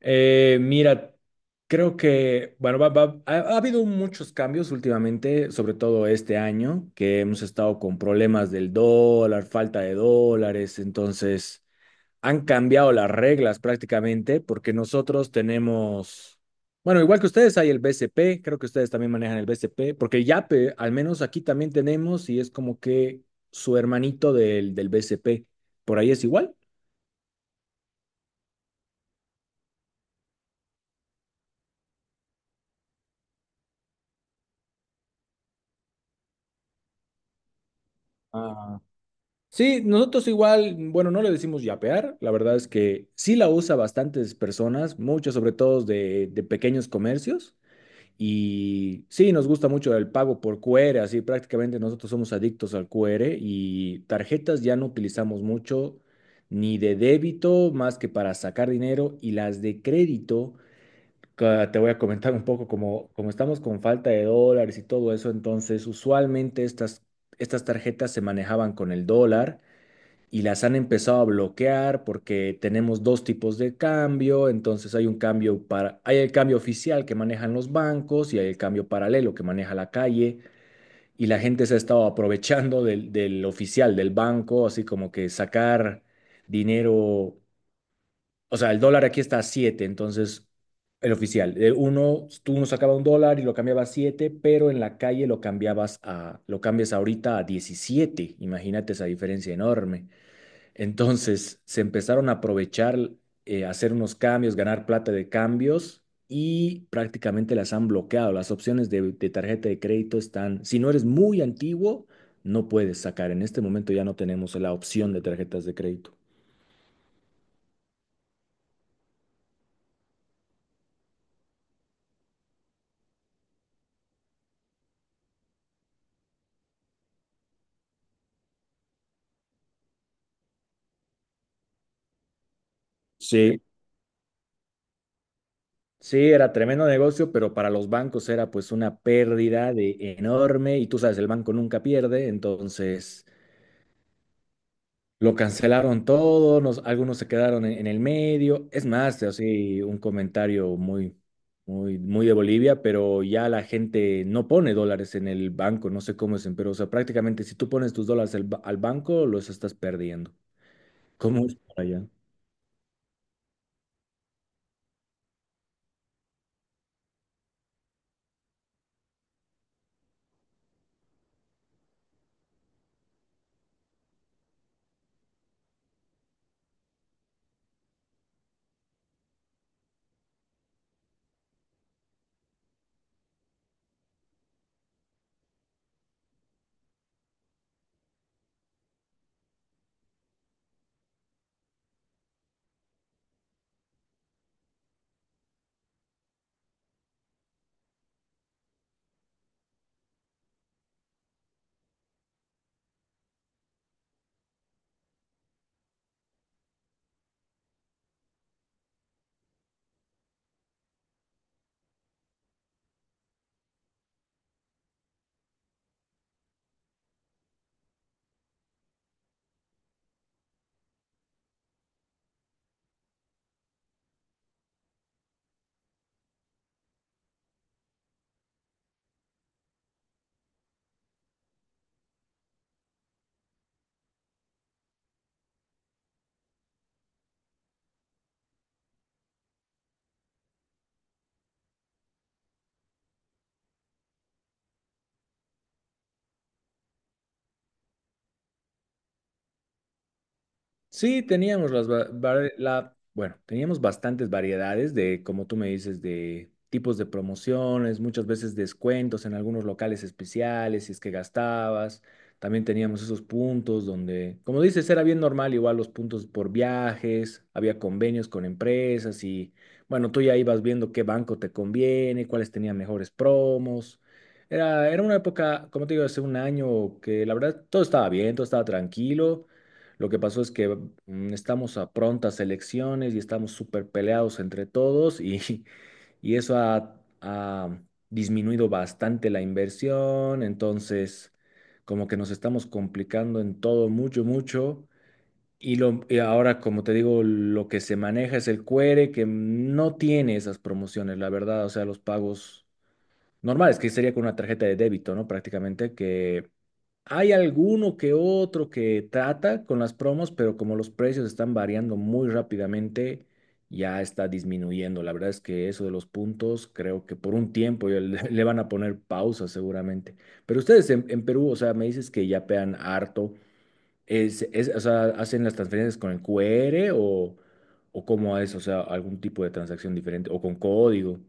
Mira, creo que, bueno, ha habido muchos cambios últimamente, sobre todo este año, que hemos estado con problemas del dólar, falta de dólares, entonces han cambiado las reglas prácticamente porque nosotros tenemos, bueno, igual que ustedes hay el BCP, creo que ustedes también manejan el BCP, porque el YAPE, al menos aquí también tenemos y es como que su hermanito del BCP, por ahí es igual. Sí, nosotros igual, bueno, no le decimos yapear, la verdad es que sí la usa bastantes personas, muchos sobre todo de pequeños comercios, y sí, nos gusta mucho el pago por QR, así prácticamente nosotros somos adictos al QR y tarjetas ya no utilizamos mucho, ni de débito más que para sacar dinero, y las de crédito, te voy a comentar un poco, como, como estamos con falta de dólares y todo eso, entonces usualmente estas tarjetas se manejaban con el dólar y las han empezado a bloquear porque tenemos dos tipos de cambio, entonces hay un cambio para, hay el cambio oficial que manejan los bancos y hay el cambio paralelo que maneja la calle y la gente se ha estado aprovechando del oficial del banco, así como que sacar dinero, o sea, el dólar aquí está a 7, entonces el oficial, de uno, tú uno sacaba un dólar y lo cambiabas a 7, pero en la calle lo cambiabas a, lo cambias ahorita a 17. Imagínate esa diferencia enorme. Entonces se empezaron a aprovechar, hacer unos cambios, ganar plata de cambios y prácticamente las han bloqueado. Las opciones de tarjeta de crédito están, si no eres muy antiguo, no puedes sacar. En este momento ya no tenemos la opción de tarjetas de crédito. Sí, Sí, era tremendo negocio, pero para los bancos era pues una pérdida de enorme y tú sabes, el banco nunca pierde, entonces lo cancelaron todo, algunos se quedaron en el medio. Es más, así un comentario muy, muy, muy de Bolivia, pero ya la gente no pone dólares en el banco, no sé cómo es, pero o sea, prácticamente si tú pones tus dólares al, al banco, los estás perdiendo. ¿Cómo es por allá? Sí, teníamos las va- var- la, bueno, teníamos bastantes variedades de, como tú me dices, de tipos de promociones, muchas veces descuentos en algunos locales especiales, si es que gastabas. También teníamos esos puntos donde, como dices, era bien normal, igual los puntos por viajes, había convenios con empresas y, bueno, tú ya ibas viendo qué banco te conviene, cuáles tenían mejores promos. Era una época, como te digo, hace un año que la verdad todo estaba bien, todo estaba tranquilo. Lo que pasó es que estamos a prontas elecciones y estamos súper peleados entre todos, y y eso ha disminuido bastante la inversión, entonces como que nos estamos complicando en todo mucho, mucho. Y, lo, y ahora, como te digo, lo que se maneja es el QR que no tiene esas promociones, la verdad, o sea, los pagos normales, que sería con una tarjeta de débito, ¿no? Prácticamente que hay alguno que otro que trata con las promos, pero como los precios están variando muy rápidamente, ya está disminuyendo. La verdad es que eso de los puntos, creo que por un tiempo ya le, le van a poner pausa seguramente. Pero ustedes en Perú, o sea, me dices que ya pean harto. O sea, ¿hacen las transferencias con el QR o cómo es? O sea, algún tipo de transacción diferente o con código.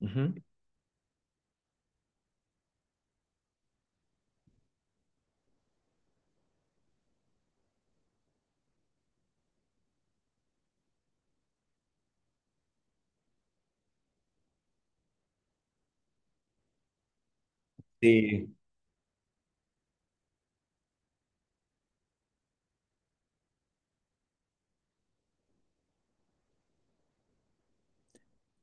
Ujú. Sí.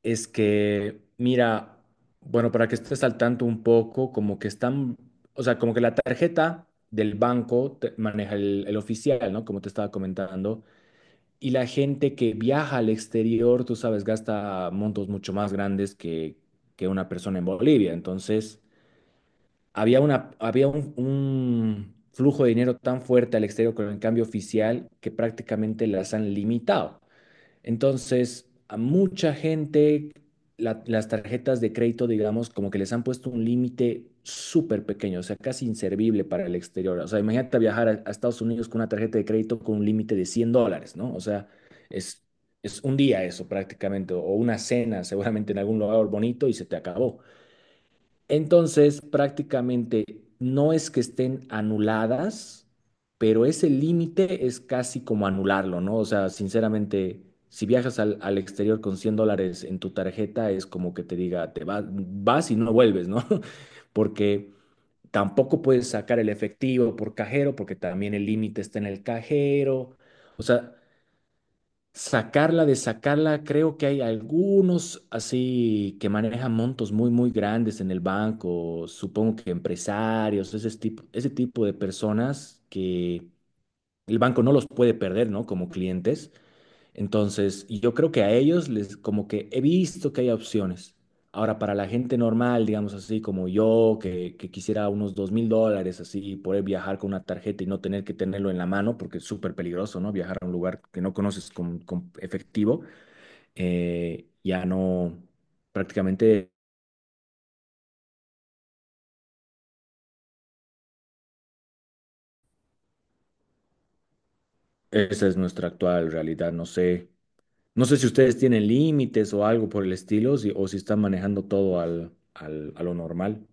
Es que, mira, bueno, para que estés al tanto un poco, como que están, o sea, como que la tarjeta del banco maneja el oficial, ¿no? Como te estaba comentando. Y la gente que viaja al exterior, tú sabes, gasta montos mucho más grandes que una persona en Bolivia. Entonces, había una, había un flujo de dinero tan fuerte al exterior con el cambio oficial que prácticamente las han limitado. Entonces, a mucha gente las tarjetas de crédito, digamos, como que les han puesto un límite súper pequeño, o sea, casi inservible para el exterior. O sea, imagínate viajar a Estados Unidos con una tarjeta de crédito con un límite de $100, ¿no? O sea, es, es un día eso prácticamente, o una cena seguramente en algún lugar bonito y se te acabó. Entonces, prácticamente no es que estén anuladas, pero ese límite es casi como anularlo, ¿no? O sea, sinceramente, si viajas al, al exterior con $100 en tu tarjeta, es como que te diga, te vas, vas y no vuelves, ¿no? Porque tampoco puedes sacar el efectivo por cajero, porque también el límite está en el cajero. O sea, sacarla de sacarla, creo que hay algunos así que manejan montos muy, muy grandes en el banco, supongo que empresarios, ese tipo de personas que el banco no los puede perder, ¿no? Como clientes. Entonces, y yo creo que a ellos les como que he visto que hay opciones. Ahora, para la gente normal, digamos así, como yo, que quisiera unos $2.000, así, poder viajar con una tarjeta y no tener que tenerlo en la mano, porque es súper peligroso, ¿no? Viajar a un lugar que no conoces con efectivo, ya no, prácticamente esa es nuestra actual realidad. No sé, no sé si ustedes tienen límites o algo por el estilo, o si están manejando todo al, a lo normal.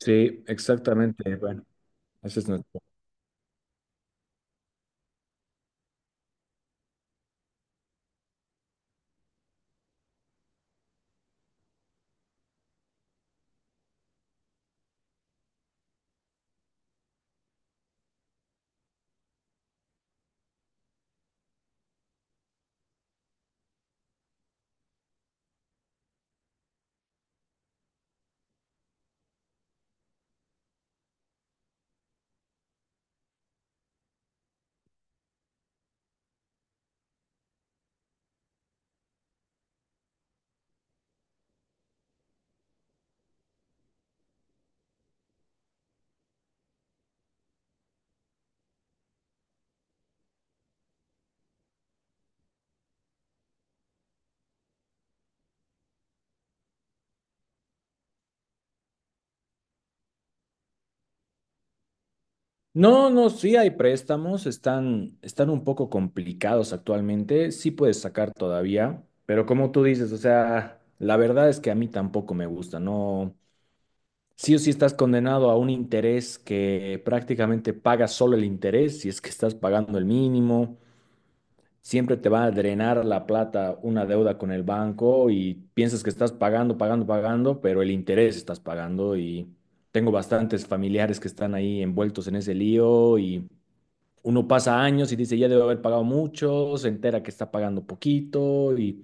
Sí, exactamente. Bueno. Ese es nuestro- No, no, sí hay préstamos, están, están un poco complicados actualmente, sí puedes sacar todavía, pero como tú dices, o sea, la verdad es que a mí tampoco me gusta, no, sí o sí estás condenado a un interés que prácticamente pagas solo el interés, si es que estás pagando el mínimo, siempre te va a drenar la plata una deuda con el banco y piensas que estás pagando, pagando, pagando, pero el interés estás pagando y tengo bastantes familiares que están ahí envueltos en ese lío y uno pasa años y dice, ya debo haber pagado mucho, se entera que está pagando poquito y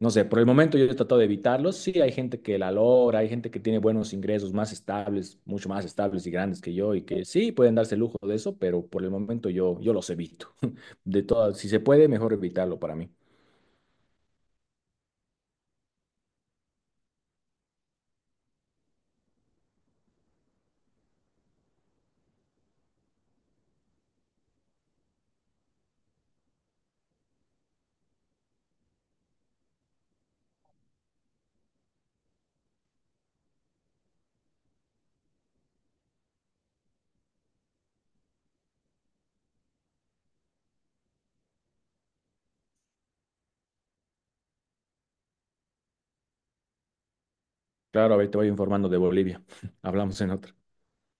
no sé, por el momento yo he tratado de evitarlos. Sí, hay gente que la logra, hay gente que tiene buenos ingresos más estables, mucho más estables y grandes que yo, y que sí pueden darse el lujo de eso, pero por el momento yo, yo los evito. De todas, si se puede, mejor evitarlo para mí. Claro, a ver, te voy informando de Bolivia. Hablamos en otra.